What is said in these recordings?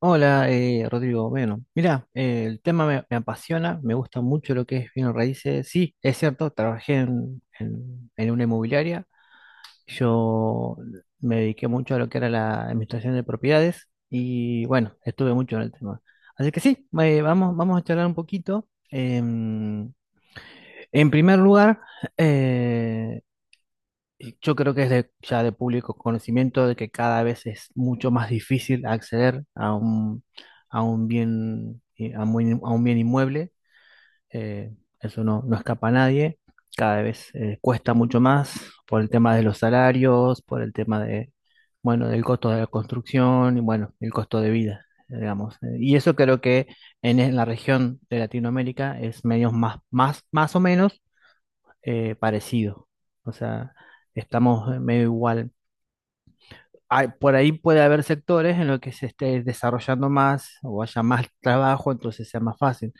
Hola, Rodrigo. Bueno, mira, el tema me apasiona, me gusta mucho lo que es bienes raíces. Sí, es cierto, trabajé en una inmobiliaria. Yo me dediqué mucho a lo que era la administración de propiedades y bueno, estuve mucho en el tema. Así que sí, vamos a charlar un poquito. En primer lugar, eh, Yo creo que es ya de público conocimiento de que cada vez es mucho más difícil acceder a un bien, a un bien inmueble. Eh, Eso no escapa a nadie. Cada vez cuesta mucho más por el tema de los salarios, por el tema de, bueno, del costo de la construcción y bueno, el costo de vida, digamos. Y eso creo que en la región de Latinoamérica es medio más o menos parecido. O sea, estamos medio igual. Por ahí puede haber sectores en los que se esté desarrollando más o haya más trabajo, entonces sea más fácil.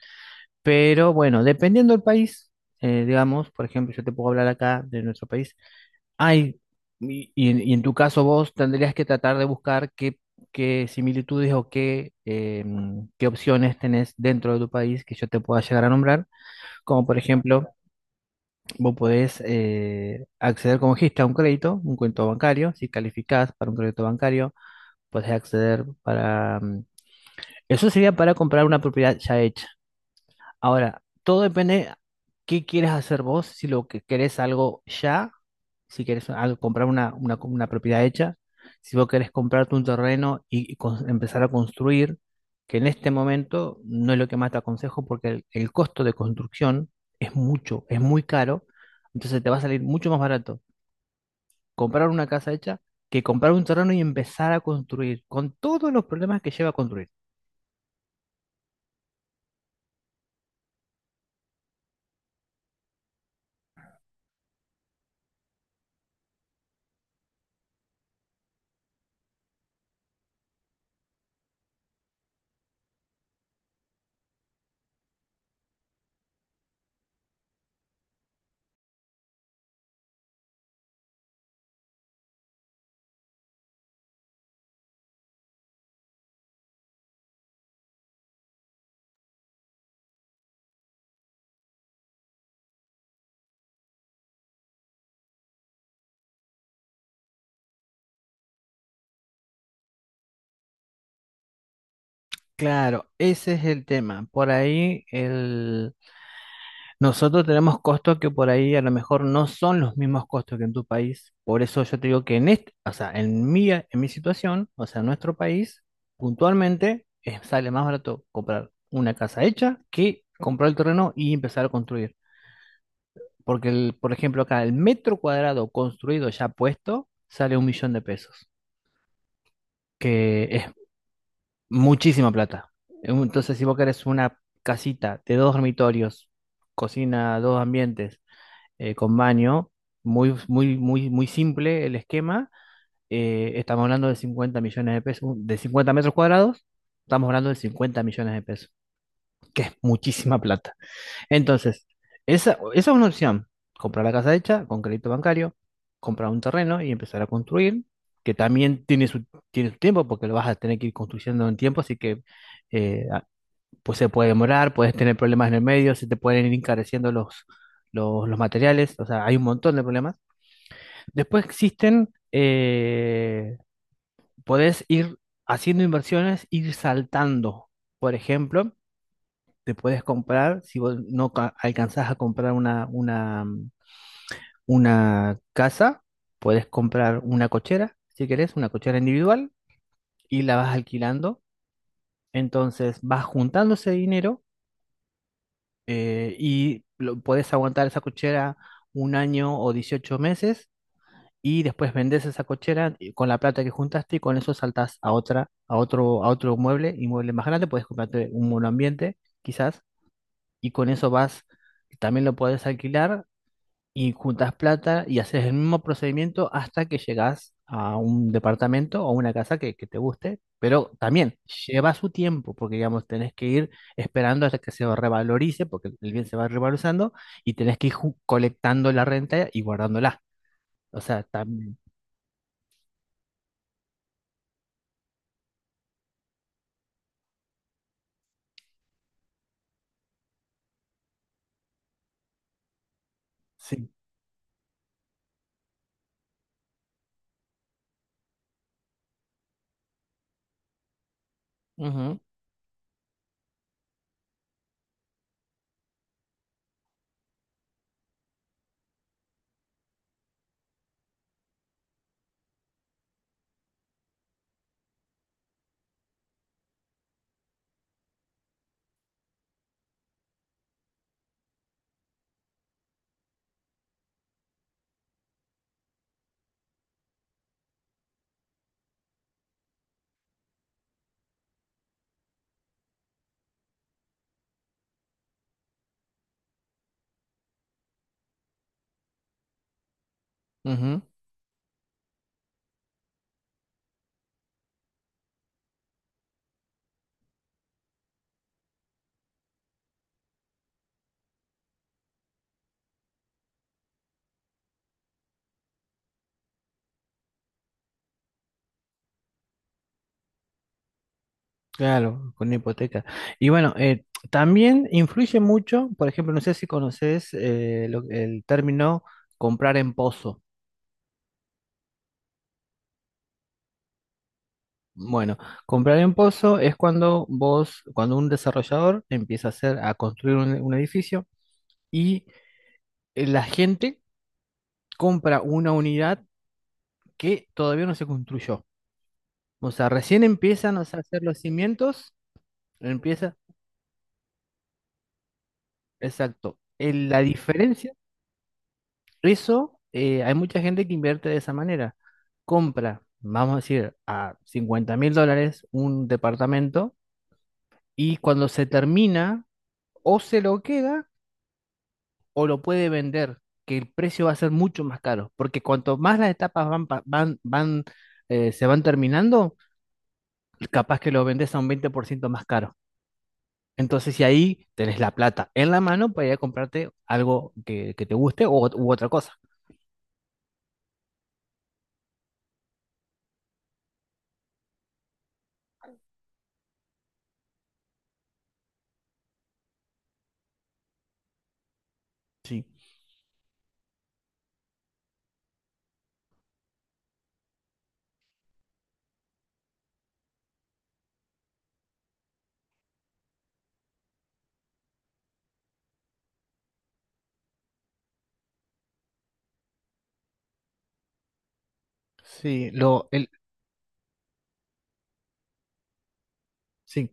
Pero bueno, dependiendo del país, digamos, por ejemplo, yo te puedo hablar acá de nuestro país, hay, y en tu caso vos tendrías que tratar de buscar qué, qué similitudes o qué opciones tenés dentro de tu país que yo te pueda llegar a nombrar, como por ejemplo. Vos podés acceder como dijiste a un crédito, un cuento bancario, si calificás para un crédito bancario, podés acceder. Eso sería para comprar una propiedad ya hecha. Ahora, todo depende qué quieres hacer vos, si lo que querés algo ya, si querés comprar una propiedad hecha, si vos querés comprarte un terreno y empezar a construir, que en este momento no es lo que más te aconsejo porque el costo de construcción es muy caro, entonces te va a salir mucho más barato comprar una casa hecha que comprar un terreno y empezar a construir, con todos los problemas que lleva a construir. Claro, ese es el tema. Nosotros tenemos costos que por ahí a lo mejor no son los mismos costos que en tu país. Por eso yo te digo que o sea, en mi situación, o sea, en nuestro país, puntualmente, sale más barato comprar una casa hecha que comprar el terreno y empezar a construir. Porque, por ejemplo, acá el metro cuadrado construido ya puesto sale 1 millón de pesos, que es muchísima plata. Entonces, si vos querés una casita de dos dormitorios, cocina, dos ambientes, con baño, muy, muy, muy, muy simple el esquema. Estamos hablando de 50 millones de pesos, de 50 metros cuadrados, estamos hablando de 50 millones de pesos, que es muchísima plata. Entonces, esa es una opción, comprar la casa hecha con crédito bancario, comprar un terreno y empezar a construir, que también tiene su tiempo, porque lo vas a tener que ir construyendo en tiempo, así que eh, a- pues se puede demorar, puedes tener problemas en el medio, se te pueden ir encareciendo los materiales, o sea, hay un montón de problemas. Después podés ir haciendo inversiones, ir saltando. Por ejemplo, te puedes comprar, si vos no alcanzás a comprar una casa, puedes comprar una cochera, si querés, una cochera individual, y la vas alquilando. Entonces vas juntando ese dinero, podés aguantar esa cochera un año o 18 meses y después vendes esa cochera y con la plata que juntaste y con eso saltas a otro inmueble más grande, puedes comprarte un monoambiente, quizás, y con eso vas, también lo puedes alquilar y juntas plata y haces el mismo procedimiento hasta que llegas a un departamento o una casa que te guste, pero también lleva su tiempo, porque digamos, tenés que ir esperando hasta que se revalorice, porque el bien se va revalorizando, y tenés que ir colectando la renta y guardándola. O sea, también, sí. Ujú, ujú, claro, con una hipoteca. Y bueno, también influye mucho, por ejemplo, no sé si conoces el término comprar en pozo. Bueno, comprar en pozo es cuando cuando un desarrollador empieza a construir un edificio y la gente compra una unidad que todavía no se construyó. O sea, recién empiezan, o sea, a hacer los cimientos, empieza, exacto. El- la diferencia Eso, hay mucha gente que invierte de esa manera. Compra, vamos a decir, a 50.000 dólares un departamento, y cuando se termina, o se lo queda o lo puede vender, que el precio va a ser mucho más caro, porque cuanto más las etapas van, pa- van, van, se van terminando, capaz que lo vendes a un 20% más caro. Entonces, si ahí tenés la plata en la mano para ir a comprarte algo que te guste u otra cosa. Sí, sí,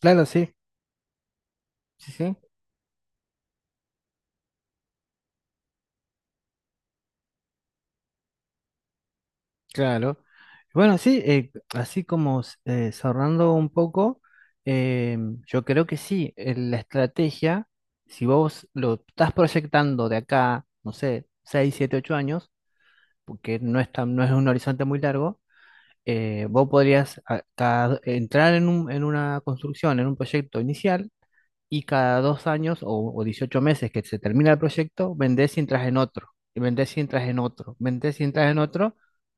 claro, sí, sí, sí. Claro. Bueno, sí, así como cerrando un poco, eh, yo creo que sí, la estrategia, si vos lo estás proyectando de acá, no sé, 6, 7, 8 años, porque no es un horizonte muy largo, vos podrías entrar en en una construcción, en un proyecto inicial, y cada 2 años o 18 meses que se termina el proyecto, vendés y entras en otro, y vendés y entras en otro, vendés y entras en otro,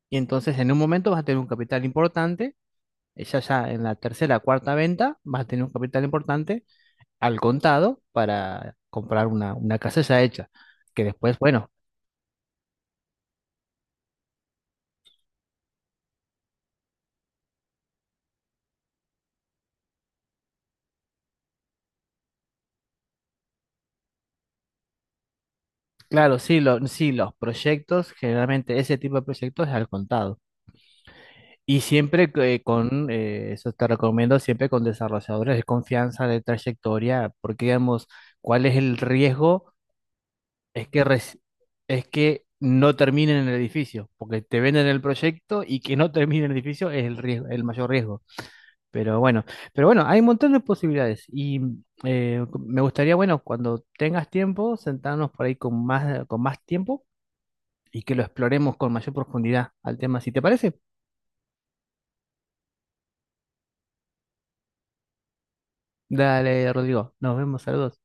y entonces en un momento vas a tener un capital importante, ya en la tercera, cuarta venta, vas a tener un capital importante al contado para comprar una casa ya hecha, que después, bueno, claro, sí, sí, los proyectos, generalmente ese tipo de proyectos es al contado. Y siempre eso te recomiendo, siempre con desarrolladores de confianza, de trayectoria, porque digamos, ¿cuál es el riesgo? Es que, reci- es que no terminen en el edificio, porque te venden el proyecto y que no termine en el edificio es el riesgo, el mayor riesgo. Pero bueno, pero bueno, hay un montón de posibilidades y me gustaría, bueno, cuando tengas tiempo, sentarnos por ahí con más tiempo y que lo exploremos con mayor profundidad al tema, si te parece. Dale, Rodrigo, nos vemos, saludos.